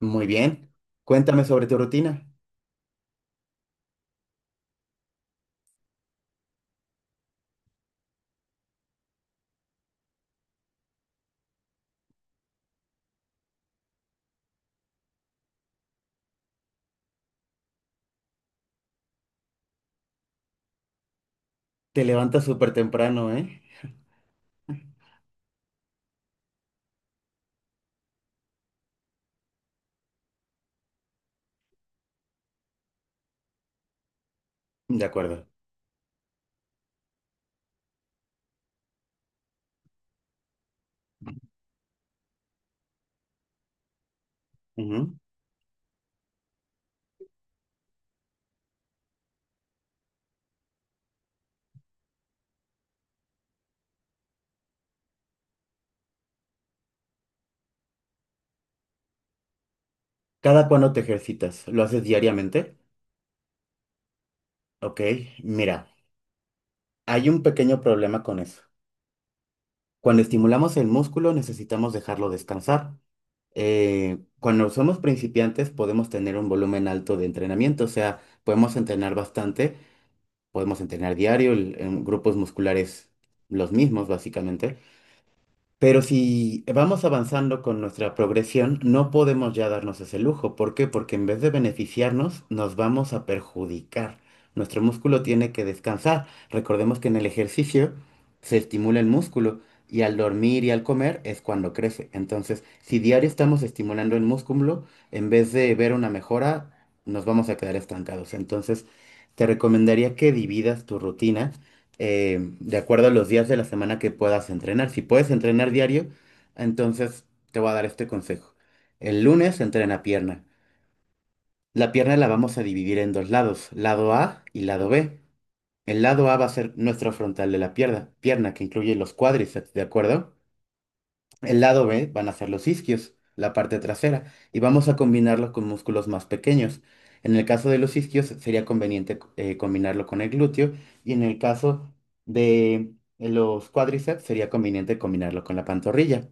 Muy bien. Cuéntame sobre tu rutina. Te levantas súper temprano, ¿eh? De acuerdo. Ujú. ¿Cada cuándo te ejercitas? ¿Lo haces diariamente? Ok, mira, hay un pequeño problema con eso. Cuando estimulamos el músculo necesitamos dejarlo descansar. Cuando somos principiantes podemos tener un volumen alto de entrenamiento, o sea, podemos entrenar bastante, podemos entrenar diario, en grupos musculares los mismos básicamente. Pero si vamos avanzando con nuestra progresión, no podemos ya darnos ese lujo. ¿Por qué? Porque en vez de beneficiarnos, nos vamos a perjudicar. Nuestro músculo tiene que descansar. Recordemos que en el ejercicio se estimula el músculo y al dormir y al comer es cuando crece. Entonces, si diario estamos estimulando el músculo, en vez de ver una mejora, nos vamos a quedar estancados. Entonces, te recomendaría que dividas tu rutina de acuerdo a los días de la semana que puedas entrenar. Si puedes entrenar diario, entonces te voy a dar este consejo. El lunes entrena pierna. La pierna la vamos a dividir en dos lados, lado A y lado B. El lado A va a ser nuestro frontal de la pierna, pierna que incluye los cuádriceps, ¿de acuerdo? El lado B van a ser los isquios, la parte trasera, y vamos a combinarlo con músculos más pequeños. En el caso de los isquios sería conveniente combinarlo con el glúteo y en el caso de los cuádriceps sería conveniente combinarlo con la pantorrilla.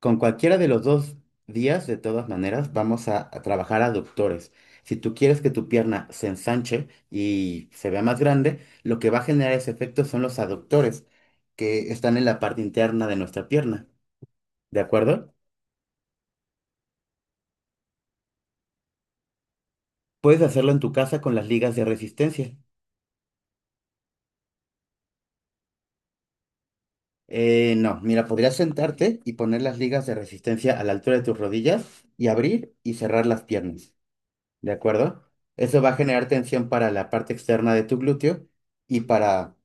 Con cualquiera de los dos días, de todas maneras, vamos a trabajar aductores. Si tú quieres que tu pierna se ensanche y se vea más grande, lo que va a generar ese efecto son los aductores que están en la parte interna de nuestra pierna. ¿De acuerdo? Puedes hacerlo en tu casa con las ligas de resistencia. No, mira, podrías sentarte y poner las ligas de resistencia a la altura de tus rodillas y abrir y cerrar las piernas, ¿de acuerdo? Eso va a generar tensión para la parte externa de tu glúteo y para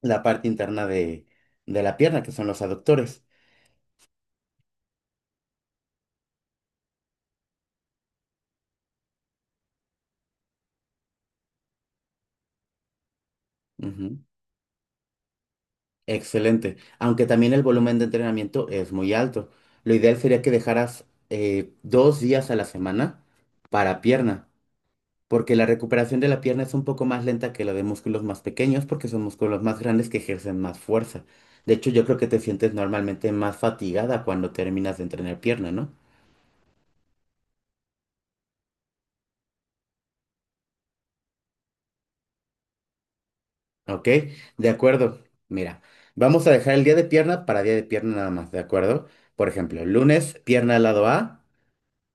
la parte interna de la pierna, que son los aductores. Ujú. Excelente. Aunque también el volumen de entrenamiento es muy alto. Lo ideal sería que dejaras dos días a la semana para pierna, porque la recuperación de la pierna es un poco más lenta que la de músculos más pequeños, porque son músculos más grandes que ejercen más fuerza. De hecho, yo creo que te sientes normalmente más fatigada cuando terminas de entrenar pierna, ¿no? Ok, de acuerdo. Mira, vamos a dejar el día de pierna para día de pierna nada más, ¿de acuerdo? Por ejemplo, lunes, pierna al lado A.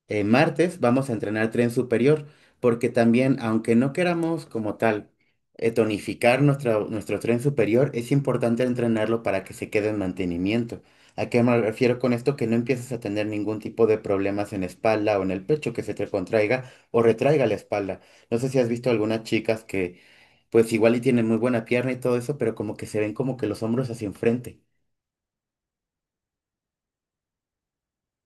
Martes vamos a entrenar tren superior, porque también, aunque no queramos como tal tonificar nuestro tren superior, es importante entrenarlo para que se quede en mantenimiento. ¿A qué me refiero con esto? Que no empieces a tener ningún tipo de problemas en espalda o en el pecho que se te contraiga o retraiga la espalda. No sé si has visto algunas chicas que pues igual y tienen muy buena pierna y todo eso, pero como que se ven como que los hombros hacia enfrente.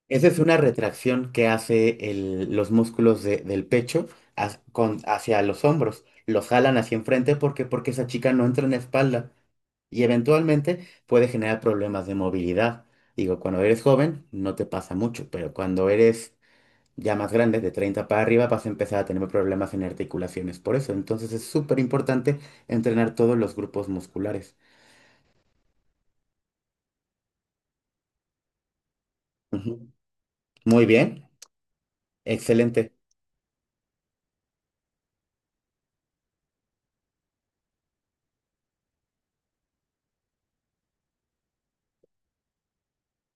Esa es una retracción que hace los músculos del pecho hacia los hombros. Los jalan hacia enfrente porque esa chica no entra en espalda y eventualmente puede generar problemas de movilidad. Digo, cuando eres joven no te pasa mucho, pero cuando eres ya más grande, de 30 para arriba, vas a empezar a tener problemas en articulaciones. Por eso, entonces es súper importante entrenar todos los grupos musculares. Ujú. Muy bien, excelente.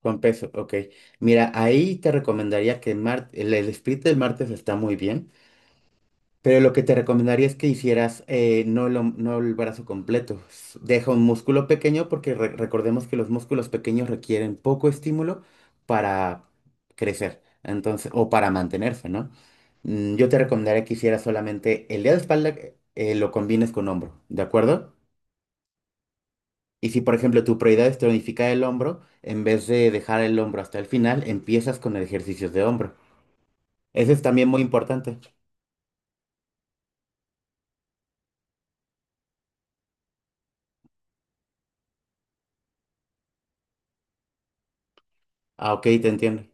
Con peso, ok. Mira, ahí te recomendaría que el split del martes está muy bien, pero lo que te recomendaría es que hicieras no, lo no el brazo completo. Deja un músculo pequeño porque recordemos que los músculos pequeños requieren poco estímulo para crecer, entonces, o para mantenerse, ¿no? Yo te recomendaría que hicieras solamente el día de espalda, lo combines con hombro, ¿de acuerdo? Y si, por ejemplo, tu prioridad es tonificar el hombro, en vez de dejar el hombro hasta el final, empiezas con ejercicios de hombro. Eso es también muy importante. Ah, ok, te entiendo.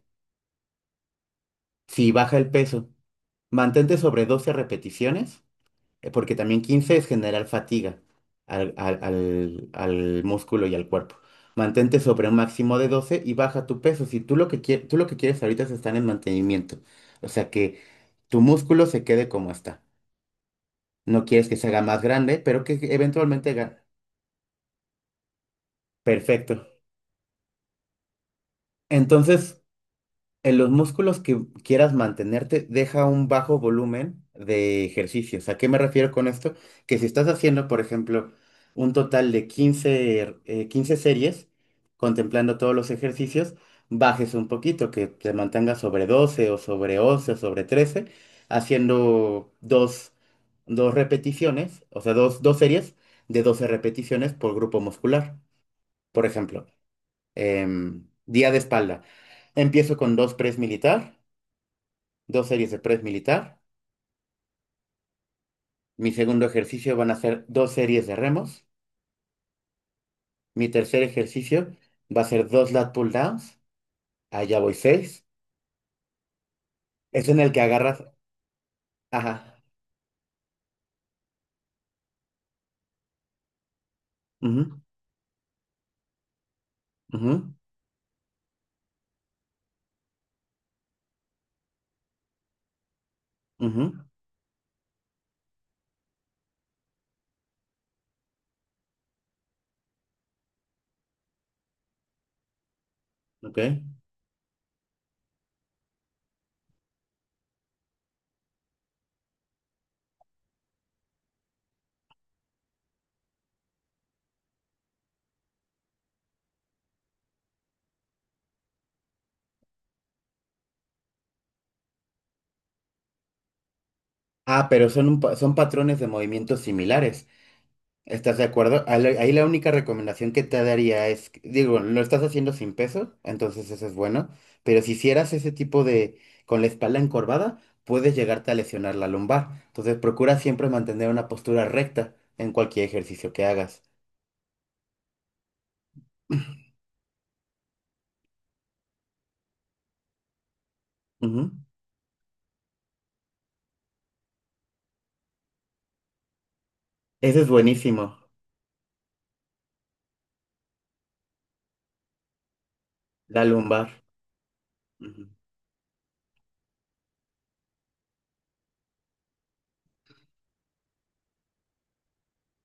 Si baja el peso, mantente sobre 12 repeticiones, porque también 15 es generar fatiga al, al músculo y al cuerpo. Mantente sobre un máximo de 12 y baja tu peso. Si tú lo que quieres ahorita es estar en mantenimiento, o sea que tu músculo se quede como está. No quieres que se haga más grande, pero que eventualmente. Perfecto. Entonces, en los músculos que quieras mantenerte, deja un bajo volumen de ejercicios. ¿A qué me refiero con esto? Que si estás haciendo, por ejemplo, un total de 15 15 series, contemplando todos los ejercicios, bajes un poquito, que te mantengas sobre 12 o sobre 11 o sobre 13, haciendo dos repeticiones, o sea, dos series de 12 repeticiones por grupo muscular. Por ejemplo. Día de espalda. Empiezo con dos press militar, dos series de press militar. Mi segundo ejercicio van a ser dos series de remos. Mi tercer ejercicio va a ser dos lat pull downs. Allá voy seis. Es en el que agarras. Ajá. Ujú, ujú, ujú. Ok. Ah, pero son, son patrones de movimientos similares. ¿Estás de acuerdo? Ahí la única recomendación que te daría es, digo, lo estás haciendo sin peso, entonces eso es bueno, pero si hicieras ese tipo de, con la espalda encorvada, puedes llegarte a lesionar la lumbar. Entonces procura siempre mantener una postura recta en cualquier ejercicio que hagas. Ujú. Ese es buenísimo, la lumbar. Ujú.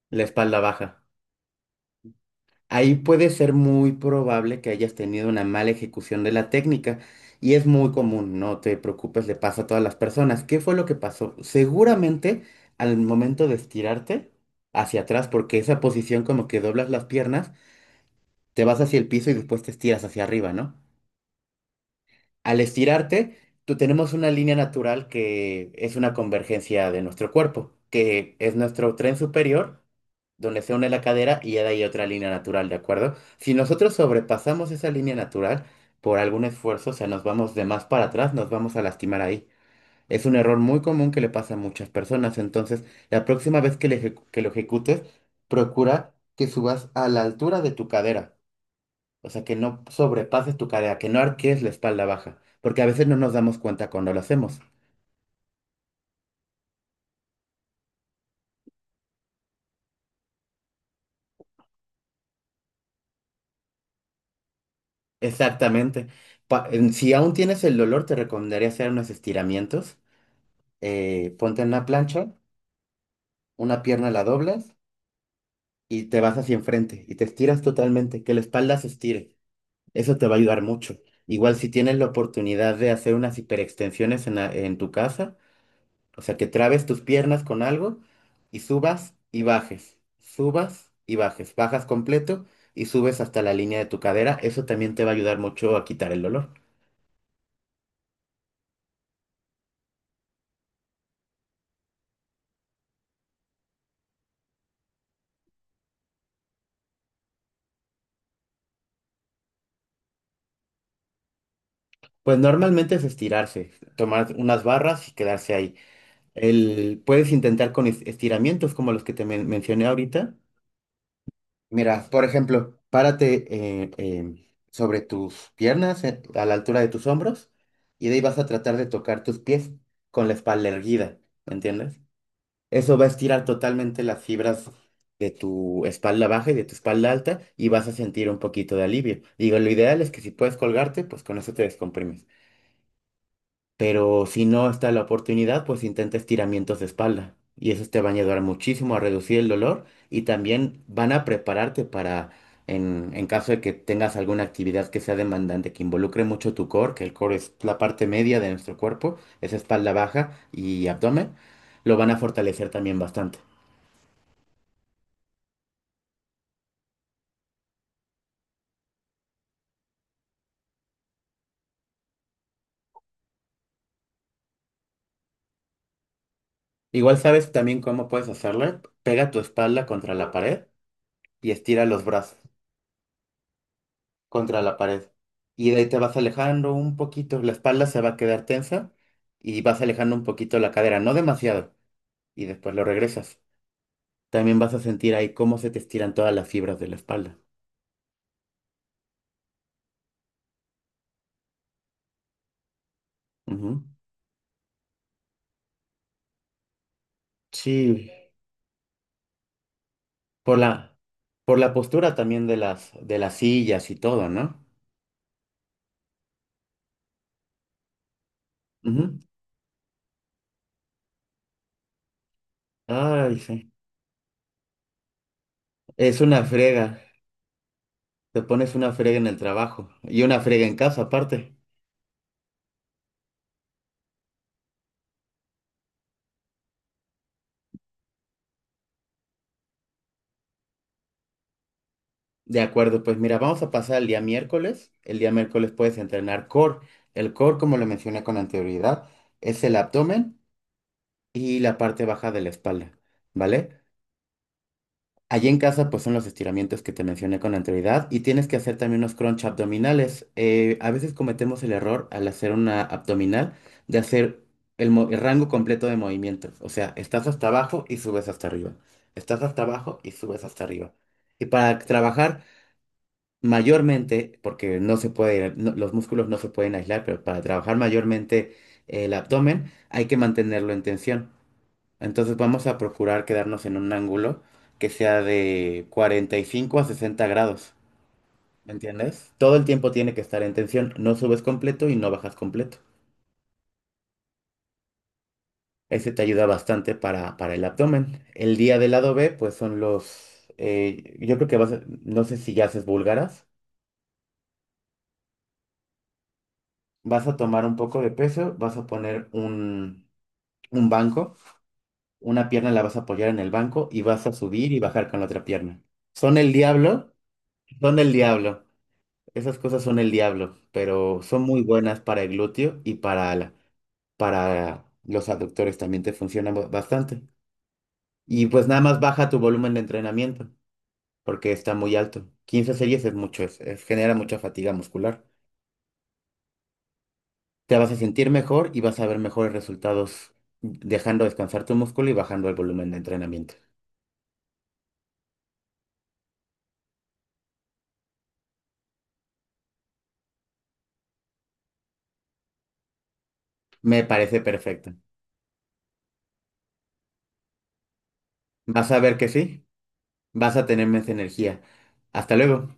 La espalda baja. Ahí puede ser muy probable que hayas tenido una mala ejecución de la técnica y es muy común, no te preocupes, le pasa a todas las personas. ¿Qué fue lo que pasó? Seguramente al momento de estirarte hacia atrás, porque esa posición como que doblas las piernas, te vas hacia el piso y después te estiras hacia arriba, ¿no? Al estirarte, tú tenemos una línea natural que es una convergencia de nuestro cuerpo, que es nuestro tren superior, donde se une la cadera y ya de ahí otra línea natural, ¿de acuerdo? Si nosotros sobrepasamos esa línea natural por algún esfuerzo, o sea, nos vamos de más para atrás, nos vamos a lastimar ahí. Es un error muy común que le pasa a muchas personas, entonces la próxima vez que, que lo ejecutes, procura que subas a la altura de tu cadera. O sea, que no sobrepases tu cadera, que no arquees la espalda baja, porque a veces no nos damos cuenta cuando lo hacemos. Exactamente. Si aún tienes el dolor, te recomendaría hacer unos estiramientos. Ponte en una plancha, una pierna la doblas y te vas hacia enfrente y te estiras totalmente, que la espalda se estire. Eso te va a ayudar mucho. Igual si tienes la oportunidad de hacer unas hiperextensiones en tu casa. O sea, que trabes tus piernas con algo y subas y bajes, bajas completo y subes hasta la línea de tu cadera. Eso también te va a ayudar mucho a quitar el dolor. Pues normalmente es estirarse, tomar unas barras y quedarse ahí. Puedes intentar con estiramientos como los que te mencioné ahorita. Mira, por ejemplo, párate eh, em, sobre tus piernas, a la altura de tus hombros, y de ahí vas a tratar de tocar tus pies con la espalda erguida, ¿me entiendes? Eso va a estirar totalmente las fibras de tu espalda baja y de tu espalda alta y vas a sentir un poquito de alivio. Digo, lo ideal es que si puedes colgarte, pues con eso te descomprimes. Pero si no está la oportunidad, pues intenta estiramientos de espalda. Y esos te van a ayudar muchísimo a reducir el dolor y también van a prepararte para, en caso de que tengas alguna actividad que sea demandante, que involucre mucho tu core, que el core es la parte media de nuestro cuerpo, es espalda baja y abdomen, lo van a fortalecer también bastante. Igual sabes también cómo puedes hacerle. Pega tu espalda contra la pared y estira los brazos contra la pared. Y de ahí te vas alejando un poquito. La espalda se va a quedar tensa y vas alejando un poquito la cadera, no demasiado. Y después lo regresas. También vas a sentir ahí cómo se te estiran todas las fibras de la espalda. Ujú. Sí, por la, por la postura también de las sillas y todo, ¿no? Ujú. Ay, sí. Es una frega. Te pones una frega en el trabajo y una frega en casa aparte. De acuerdo, pues mira, vamos a pasar el día miércoles. El día miércoles puedes entrenar core. El core, como lo mencioné con anterioridad, es el abdomen y la parte baja de la espalda, ¿vale? Allí en casa, pues son los estiramientos que te mencioné con anterioridad y tienes que hacer también unos crunch abdominales. A veces cometemos el error al hacer una abdominal de hacer el rango completo de movimientos. O sea, estás hasta abajo y subes hasta arriba. Estás hasta abajo y subes hasta arriba. Y para trabajar mayormente, porque no se puede, los músculos no se pueden aislar, pero para trabajar mayormente el abdomen hay que mantenerlo en tensión. Entonces vamos a procurar quedarnos en un ángulo que sea de 45 a 60 grados, ¿me entiendes? Todo el tiempo tiene que estar en tensión, no subes completo y no bajas completo. Ese te ayuda bastante para el abdomen. El día del lado B, pues son los, yo creo que no sé si ya haces búlgaras. Vas a tomar un poco de peso, vas a poner un banco, una pierna la vas a apoyar en el banco y vas a subir y bajar con la otra pierna. Son el diablo, son el diablo. Esas cosas son el diablo, pero son muy buenas para el glúteo y para, para los aductores también te funcionan bastante. Y pues nada más baja tu volumen de entrenamiento, porque está muy alto. 15 series es mucho, genera mucha fatiga muscular. Te vas a sentir mejor y vas a ver mejores resultados dejando descansar tu músculo y bajando el volumen de entrenamiento. Me parece perfecto. Vas a ver que sí, vas a tener más energía. Hasta luego.